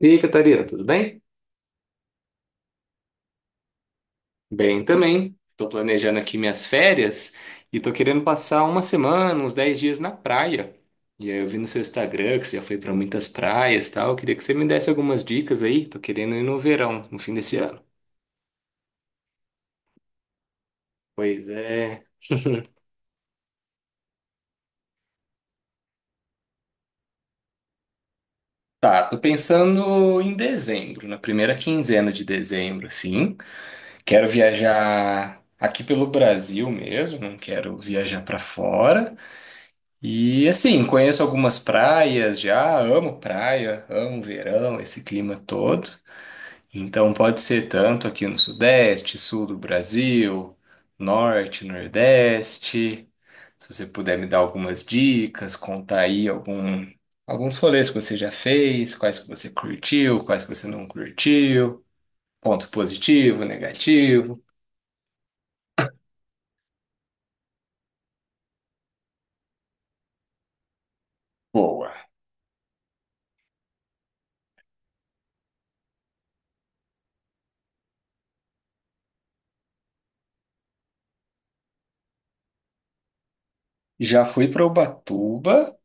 E aí, Catarina, tudo bem? Bem também. Estou planejando aqui minhas férias e estou querendo passar uma semana, uns 10 dias na praia. E aí eu vi no seu Instagram que você já foi para muitas praias e tal. Eu queria que você me desse algumas dicas aí. Estou querendo ir no verão, no fim desse ano. Pois é. Tá, tô pensando em dezembro, na primeira quinzena de dezembro, assim. Quero viajar aqui pelo Brasil mesmo, não quero viajar para fora. E assim, conheço algumas praias já, amo praia, amo verão, esse clima todo. Então pode ser tanto aqui no Sudeste, Sul do Brasil, Norte, Nordeste. Se você puder me dar algumas dicas, contar aí algum, alguns rolês que você já fez, quais que você curtiu, quais que você não curtiu, ponto positivo, negativo. Boa. Já fui para Ubatuba,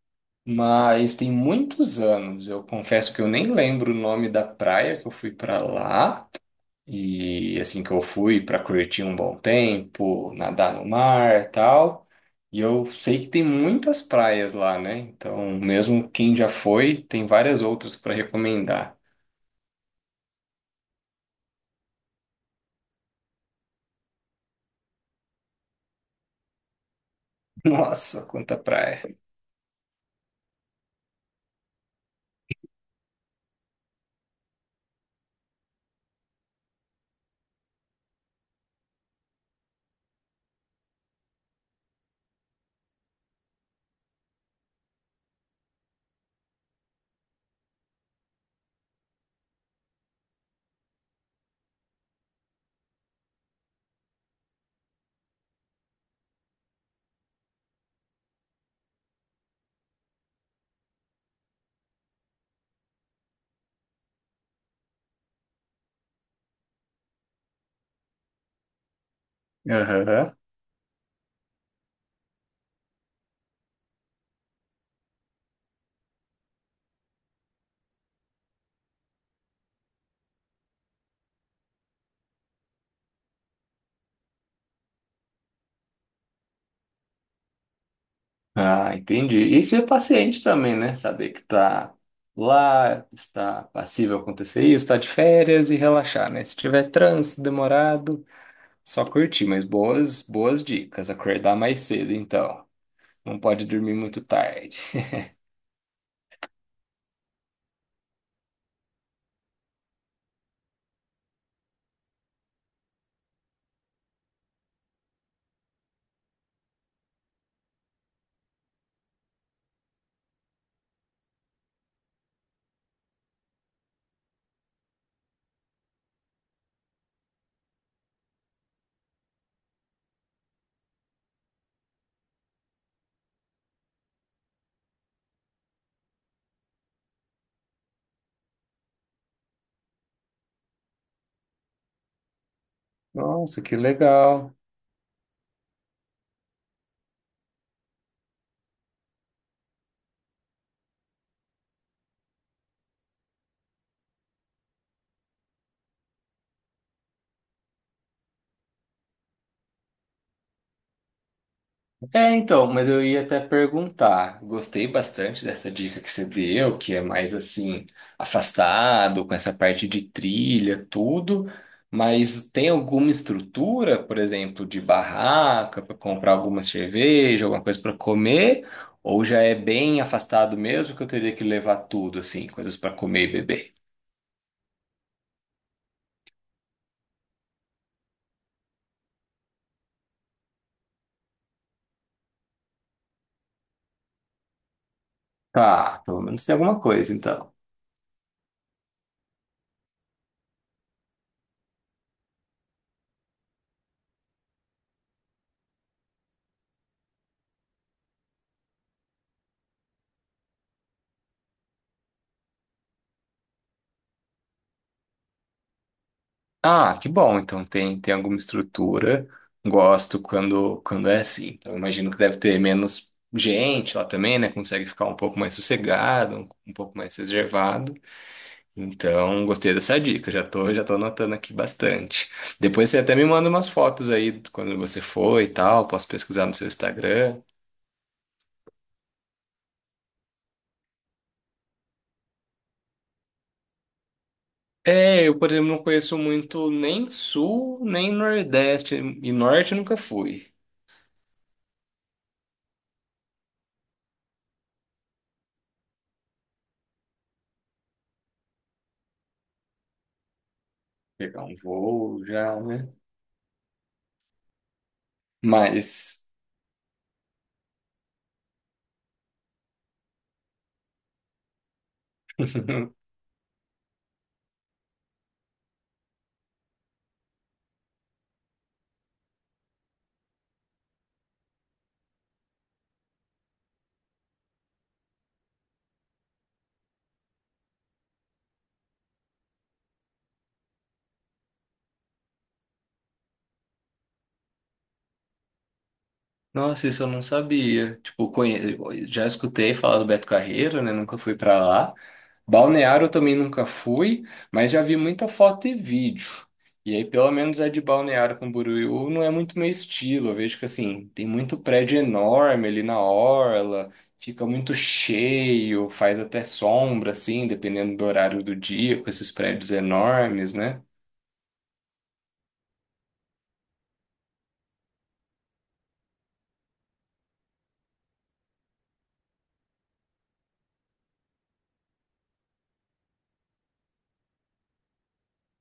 mas tem muitos anos, eu confesso que eu nem lembro o nome da praia que eu fui pra lá. E assim que eu fui pra curtir um bom tempo, nadar no mar, e tal. E eu sei que tem muitas praias lá, né? Então, mesmo quem já foi, tem várias outras pra recomendar. Nossa, quanta praia. Aham. Ah, entendi. Isso é paciente também, né? Saber que tá lá, está passível acontecer isso, está de férias e relaxar, né? Se tiver trânsito demorado, só curtir, mas boas, boas dicas. Acordar mais cedo, então. Não pode dormir muito tarde. Nossa, que legal. É, então, mas eu ia até perguntar. Gostei bastante dessa dica que você deu, que é mais assim, afastado, com essa parte de trilha, tudo. Mas tem alguma estrutura, por exemplo, de barraca para comprar alguma cerveja, alguma coisa para comer? Ou já é bem afastado mesmo que eu teria que levar tudo, assim, coisas para comer e beber? Tá, pelo menos tem alguma coisa, então. Ah, que bom. Então tem, tem alguma estrutura. Gosto quando, quando é assim. Então imagino que deve ter menos gente lá também, né? Consegue ficar um pouco mais sossegado, um pouco mais reservado. Então gostei dessa dica. Já tô anotando aqui bastante. Depois você até me manda umas fotos aí de quando você foi e tal. Posso pesquisar no seu Instagram. É, eu, por exemplo, não conheço muito nem sul, nem nordeste. E norte eu nunca fui. Pegar um voo já, né? Mas. Nossa, isso eu não sabia. Tipo, conhe... já escutei falar do Beto Carreiro, né? Nunca fui pra lá. Balneário eu também nunca fui, mas já vi muita foto e vídeo. E aí, pelo menos é de Balneário Camboriú não é muito meu estilo. Eu vejo que, assim, tem muito prédio enorme ali na orla, fica muito cheio, faz até sombra, assim, dependendo do horário do dia, com esses prédios enormes, né?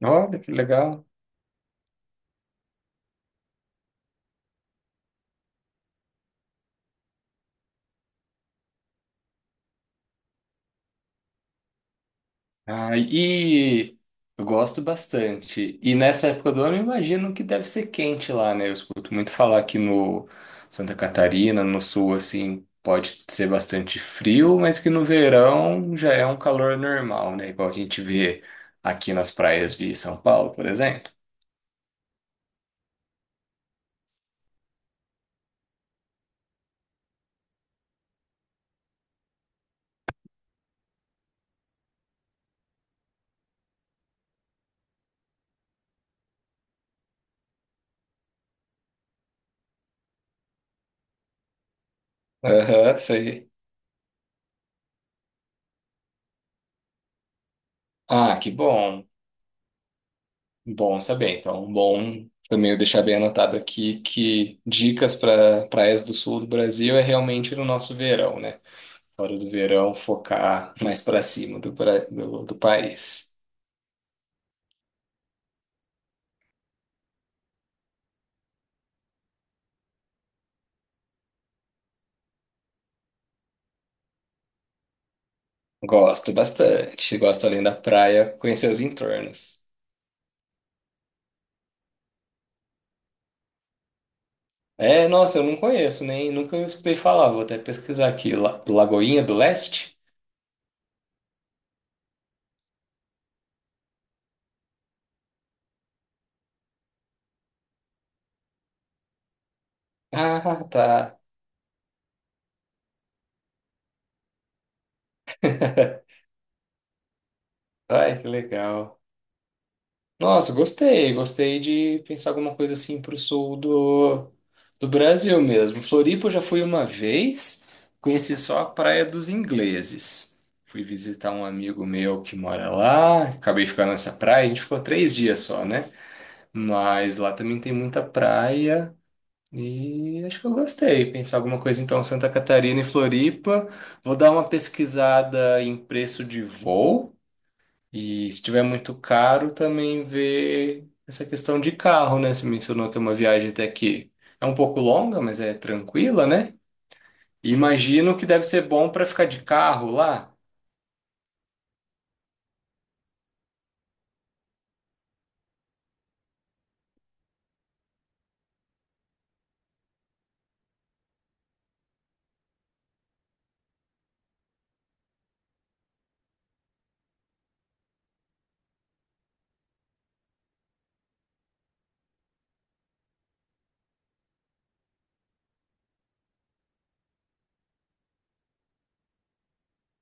Olha, que legal. Ah, e eu gosto bastante. E nessa época do ano, eu imagino que deve ser quente lá, né? Eu escuto muito falar que no Santa Catarina, no sul, assim, pode ser bastante frio, mas que no verão já é um calor normal, né? Igual a gente vê aqui nas praias de São Paulo, por exemplo. Aham, sei. Ah, que bom. Bom saber. Então, bom também eu deixar bem anotado aqui que dicas para praias do sul do Brasil é realmente no nosso verão, né? Fora do verão, focar mais para cima do, do país. Gosto bastante. Gosto, além da praia, conhecer os entornos. É, nossa, eu não conheço, nem nunca eu escutei falar. Vou até pesquisar aqui. Lagoinha do Leste? Ah, tá. Ai, que legal. Nossa, gostei. Gostei de pensar alguma coisa assim pro sul do Brasil mesmo. Floripa eu já fui uma vez, conheci só a Praia dos Ingleses. Fui visitar um amigo meu que mora lá, acabei ficando nessa praia, a gente ficou 3 dias só, né? Mas lá também tem muita praia e acho que eu gostei. Pensar alguma coisa então, Santa Catarina e Floripa. Vou dar uma pesquisada em preço de voo. E se tiver muito caro, também ver essa questão de carro, né? Você mencionou que é uma viagem até que é um pouco longa, mas é tranquila, né? E imagino que deve ser bom para ficar de carro lá.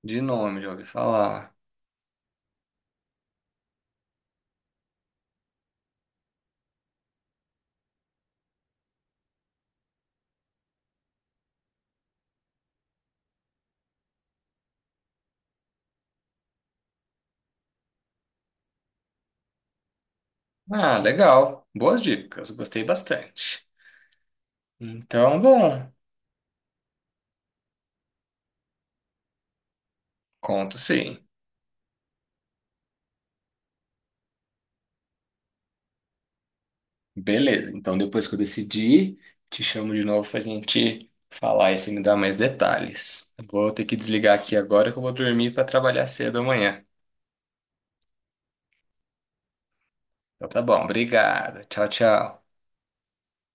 De nome, já ouvi falar. Ah, legal. Boas dicas, gostei bastante. Então, bom, conto sim. Beleza, então depois que eu decidir, te chamo de novo pra gente falar e você me dar mais detalhes. Vou ter que desligar aqui agora que eu vou dormir para trabalhar cedo amanhã. Então tá bom, obrigado. Tchau, tchau.